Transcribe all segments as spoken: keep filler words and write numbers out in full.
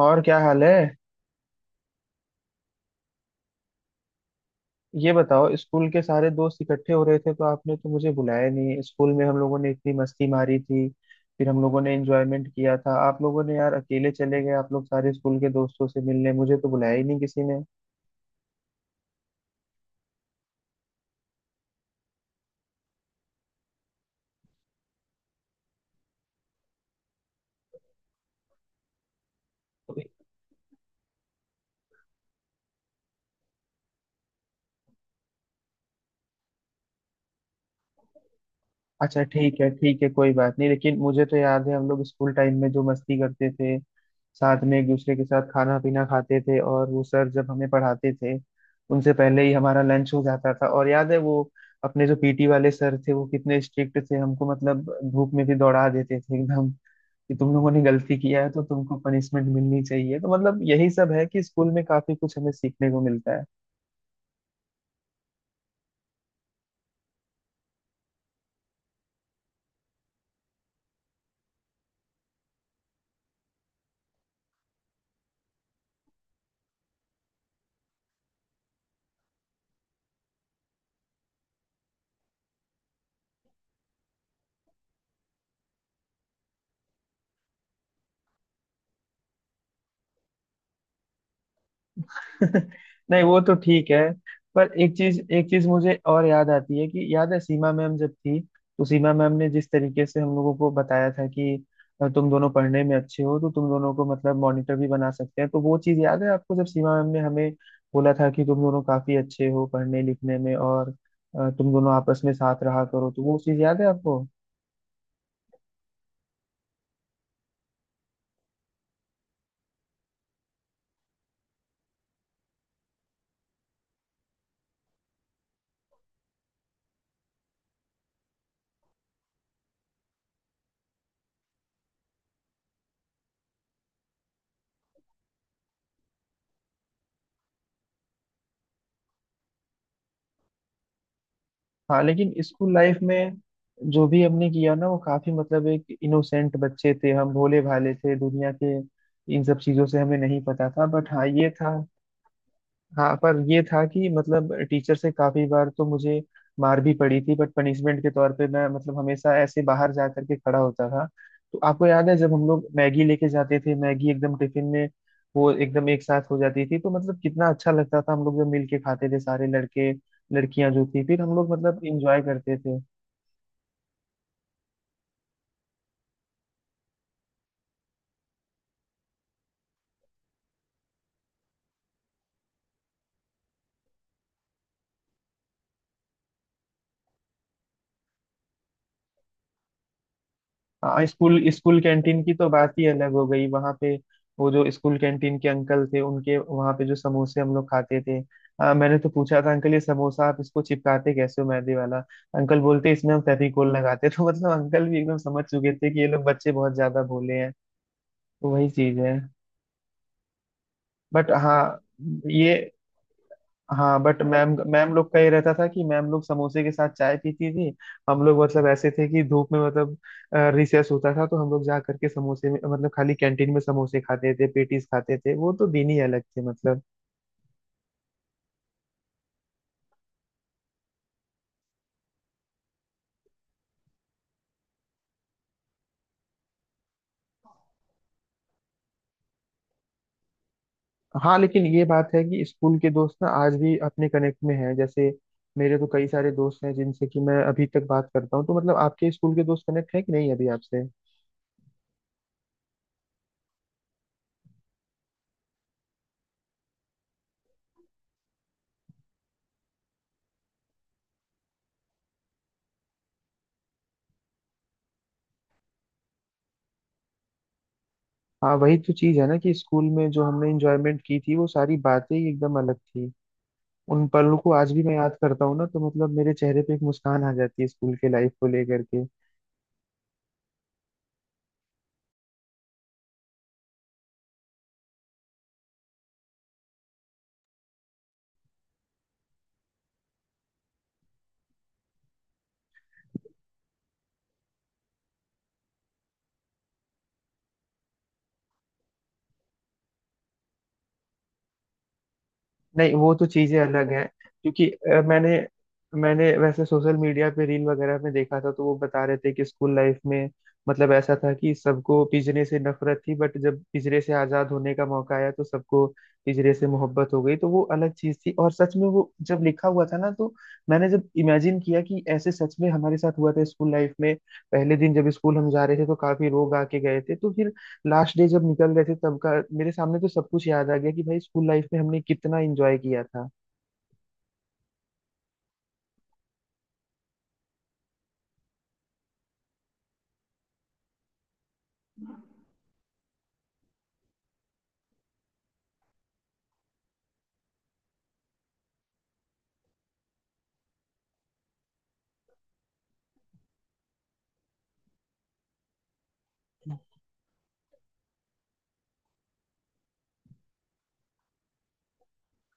और क्या हाल है। ये बताओ, स्कूल के सारे दोस्त इकट्ठे हो रहे थे तो आपने तो मुझे बुलाया नहीं। स्कूल में हम लोगों ने इतनी मस्ती मारी थी, फिर हम लोगों ने एंजॉयमेंट किया था। आप लोगों ने यार अकेले चले गए, आप लोग सारे स्कूल के दोस्तों से मिलने, मुझे तो बुलाया ही नहीं किसी ने। अच्छा ठीक है ठीक है, कोई बात नहीं। लेकिन मुझे तो याद है हम लोग स्कूल टाइम में जो मस्ती करते थे, साथ में एक दूसरे के साथ खाना पीना खाते थे। और वो सर जब हमें पढ़ाते थे, उनसे पहले ही हमारा लंच हो जाता था। और याद है वो अपने जो पीटी वाले सर थे, वो कितने स्ट्रिक्ट थे हमको, मतलब धूप में भी दौड़ा देते थे एकदम। कि तुम लोगों ने गलती किया है तो तुमको पनिशमेंट मिलनी चाहिए। तो मतलब यही सब है कि स्कूल में काफी कुछ हमें सीखने को मिलता है। नहीं वो तो ठीक है। पर एक चीज एक चीज मुझे और याद आती है कि याद है, सीमा मैम जब थी, तो सीमा मैम ने जिस तरीके से हम लोगों को बताया था कि अ, तुम दोनों पढ़ने में अच्छे हो, तो तुम दोनों को मतलब मॉनिटर भी बना सकते हैं। तो वो चीज याद है आपको, जब सीमा मैम ने हमें बोला था कि तुम दोनों काफी अच्छे हो पढ़ने लिखने में, और अ, तुम दोनों आपस में साथ रहा करो। तो वो चीज याद है आपको। हाँ, लेकिन स्कूल लाइफ में जो भी हमने किया ना, वो काफी मतलब, एक इनोसेंट बच्चे थे हम, भोले भाले थे दुनिया के। इन सब चीजों से हमें नहीं पता था, बट हाँ ये था। हाँ, पर ये था कि मतलब टीचर से काफी बार तो मुझे मार भी पड़ी थी। बट पनिशमेंट के तौर पे मैं मतलब हमेशा ऐसे बाहर जा करके खड़ा होता था। तो आपको याद है जब हम लोग मैगी लेके जाते थे, मैगी एकदम टिफिन में वो एकदम एक साथ हो जाती थी, तो मतलब कितना अच्छा लगता था हम लोग जब मिल के खाते थे, सारे लड़के लड़कियां जो थी, फिर हम लोग मतलब इंजॉय करते थे। हाँ, स्कूल स्कूल कैंटीन की तो बात ही अलग हो गई। वहां पे वो जो स्कूल कैंटीन के अंकल थे, उनके वहां पे जो समोसे हम लोग खाते थे, हाँ, मैंने तो पूछा था, अंकल ये समोसा आप इसको चिपकाते कैसे हो मैदे वाला। अंकल बोलते, इसमें हम फेविकोल लगाते हैं।" तो मतलब अंकल भी एकदम समझ चुके थे कि ये लोग बच्चे बहुत ज्यादा भोले हैं। तो वही चीज है। बट हाँ ये, हाँ बट मैम मैम लोग का ये रहता था कि मैम लोग समोसे के साथ चाय पीती थी। हम लोग मतलब ऐसे थे कि धूप में, मतलब रिसेस होता था तो हम लोग जा करके समोसे में, मतलब खाली कैंटीन में समोसे खाते थे, पेटीज खाते थे, वो तो दिन ही अलग थे मतलब। हाँ, लेकिन ये बात है कि स्कूल के दोस्त ना आज भी अपने कनेक्ट में हैं। जैसे मेरे तो कई सारे दोस्त हैं जिनसे कि मैं अभी तक बात करता हूँ। तो मतलब आपके स्कूल के दोस्त कनेक्ट है कि नहीं अभी आपसे। हाँ वही तो चीज़ है ना कि स्कूल में जो हमने इंजॉयमेंट की थी, वो सारी बातें ही एकदम अलग थी। उन पलों को आज भी मैं याद करता हूँ ना, तो मतलब मेरे चेहरे पे एक मुस्कान आ जाती है स्कूल के लाइफ को लेकर के। नहीं वो तो चीजें अलग हैं। क्योंकि अ, मैंने मैंने वैसे सोशल मीडिया पे रील वगैरह में देखा था, तो वो बता रहे थे कि स्कूल लाइफ में मतलब ऐसा था कि सबको पिंजरे से नफरत थी, बट जब पिंजरे से आजाद होने का मौका आया तो सबको पिंजरे से मोहब्बत हो गई। तो वो अलग चीज थी। और सच में वो जब लिखा हुआ था ना, तो मैंने जब इमेजिन किया कि ऐसे सच में हमारे साथ हुआ था स्कूल लाइफ में। पहले दिन जब स्कूल हम जा रहे थे तो काफी लोग आके गए थे, तो फिर लास्ट डे जब निकल रहे थे तब का मेरे सामने तो सब कुछ याद आ गया कि भाई स्कूल लाइफ में हमने कितना एंजॉय किया था।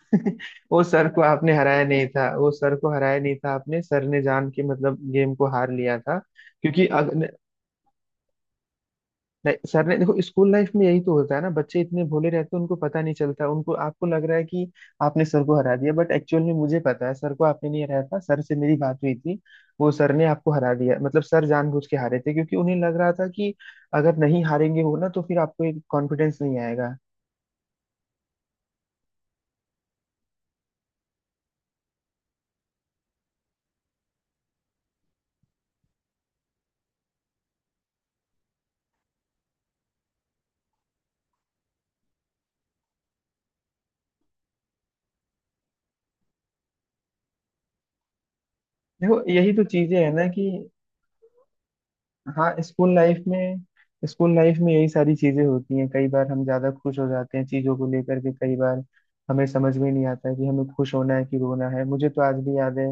वो सर को आपने हराया नहीं था। वो सर को हराया नहीं था आपने, सर ने जान के मतलब गेम को हार लिया था। क्योंकि अग, नहीं सर ने, देखो स्कूल लाइफ में यही तो होता है ना, बच्चे इतने भोले रहते हैं, उनको पता नहीं चलता, उनको आपको लग रहा है कि आपने सर को हरा दिया, बट एक्चुअल में मुझे पता है सर को आपने नहीं हराया था। सर से मेरी बात हुई थी, वो सर ने आपको हरा दिया, मतलब सर जानबूझ के हारे थे, क्योंकि उन्हें लग रहा था कि अगर नहीं हारेंगे वो ना, तो फिर आपको एक कॉन्फिडेंस नहीं आएगा। देखो यही तो चीजें है ना, कि हाँ स्कूल लाइफ में स्कूल लाइफ में यही सारी चीजें होती हैं। कई बार हम ज्यादा खुश हो जाते हैं चीजों को लेकर के, कई बार हमें समझ में नहीं आता है कि हमें खुश होना है कि रोना है। मुझे तो आज भी याद है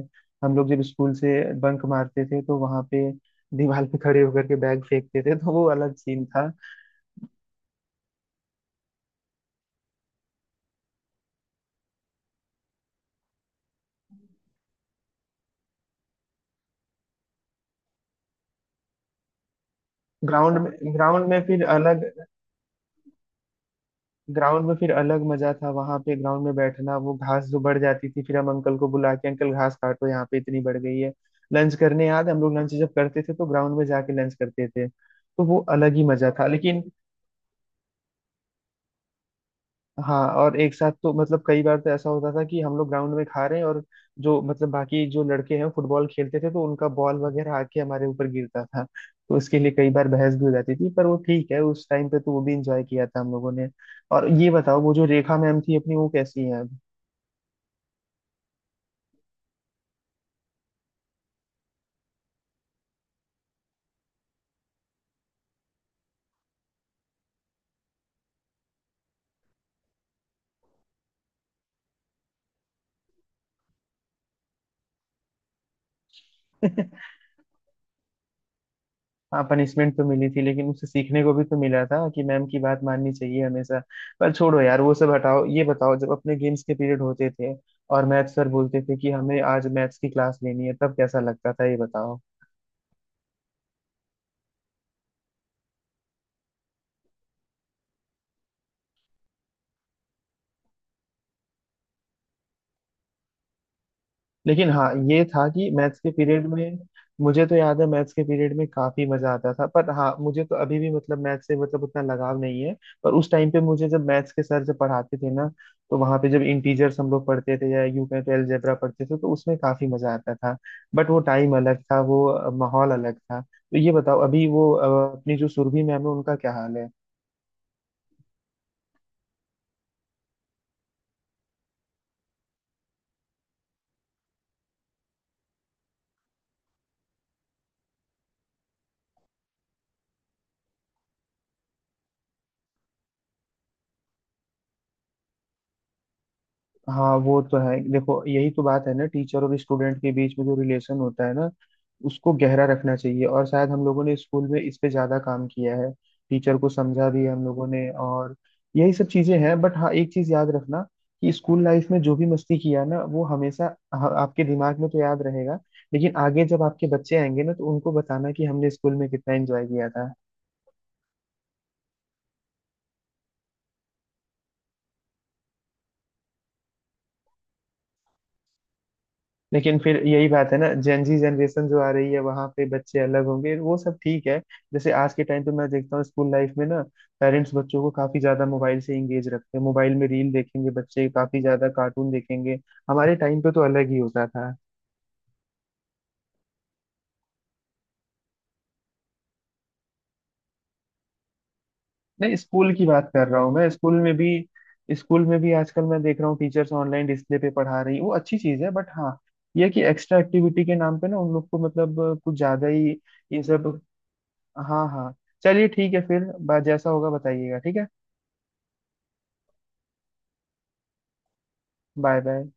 हम लोग जब स्कूल से बंक मारते थे तो वहां पे दीवार पे खड़े होकर के बैग फेंकते थे, तो वो अलग सीन था। ग्राउंड में ग्राउंड में फिर अलग ग्राउंड में फिर अलग मजा था, वहां पे ग्राउंड में बैठना, वो घास जो बढ़ जाती थी, फिर हम अंकल को बुला के, अंकल घास काटो यहाँ पे इतनी बढ़ गई है। लंच करने याद है, हम लोग लंच जब करते थे तो ग्राउंड में जाके लंच करते थे, तो वो अलग ही मजा था। लेकिन हाँ, और एक साथ तो मतलब कई बार तो ऐसा होता था कि हम लोग ग्राउंड में खा रहे हैं, और जो मतलब बाकी जो लड़के हैं फुटबॉल खेलते थे, तो उनका बॉल वगैरह आके हमारे ऊपर गिरता था, तो उसके लिए कई बार बहस भी हो जाती थी। पर वो ठीक है, उस टाइम पे तो वो भी इंजॉय किया था हम लोगों ने। और ये बताओ, वो जो रेखा मैम थी अपनी, वो कैसी है। हाँ पनिशमेंट तो मिली थी, लेकिन उससे सीखने को भी तो मिला था कि मैम की बात माननी चाहिए हमेशा। पर छोड़ो यार वो सब, हटाओ, ये बताओ जब अपने गेम्स के पीरियड होते थे और मैथ सर बोलते थे कि हमें आज मैथ्स की क्लास लेनी है, तब कैसा लगता था ये बताओ। लेकिन हाँ ये था कि मैथ्स के पीरियड में, मुझे तो याद है मैथ्स के पीरियड में काफी मजा आता था। पर हाँ, मुझे तो अभी भी मतलब मैथ्स से मतलब उतना लगाव नहीं है। पर उस टाइम पे मुझे जब मैथ्स के सर जब पढ़ाते थे ना, तो वहां पे जब इंटीजर्स हम लोग पढ़ते थे, या यूं कहें तो अलजेब्रा पढ़ते थे, तो उसमें काफी मजा आता था। बट वो टाइम अलग था, वो अ, माहौल अलग था। तो ये बताओ अभी वो अ, अपनी जो सुरभि मैम है, उनका क्या हाल है। हाँ वो तो है, देखो यही तो बात है ना, टीचर और स्टूडेंट के बीच में जो रिलेशन होता है ना, उसको गहरा रखना चाहिए, और शायद हम लोगों ने स्कूल में इस पे ज्यादा काम किया है। टीचर को समझा भी है हम लोगों ने, और यही सब चीजें हैं। बट हाँ एक चीज याद रखना, कि स्कूल लाइफ में जो भी मस्ती किया ना, वो हमेशा ह- आपके दिमाग में तो याद रहेगा। लेकिन आगे जब आपके बच्चे आएंगे ना, तो उनको बताना कि हमने स्कूल में कितना एंजॉय किया था। लेकिन फिर यही बात है ना, जेनजी जनरेशन जो आ रही है, वहां पे बच्चे अलग होंगे, वो सब ठीक है। जैसे आज के टाइम पे मैं देखता हूँ स्कूल लाइफ में ना, पेरेंट्स बच्चों को काफी ज्यादा मोबाइल से इंगेज रखते हैं, मोबाइल में रील देखेंगे बच्चे, काफी ज्यादा कार्टून देखेंगे। हमारे टाइम पे तो अलग ही होता था। नहीं स्कूल की बात कर रहा हूँ मैं, स्कूल में भी, स्कूल में भी आजकल मैं देख रहा हूँ टीचर्स ऑनलाइन डिस्प्ले पे पढ़ा रही, वो अच्छी चीज है। बट हाँ ये है कि एक्स्ट्रा एक्टिविटी के नाम पे ना उन लोग को मतलब कुछ ज्यादा ही, ये सब, हाँ हाँ। चलिए ठीक है फिर, बा- जैसा होगा बताइएगा, ठीक है। Bye bye.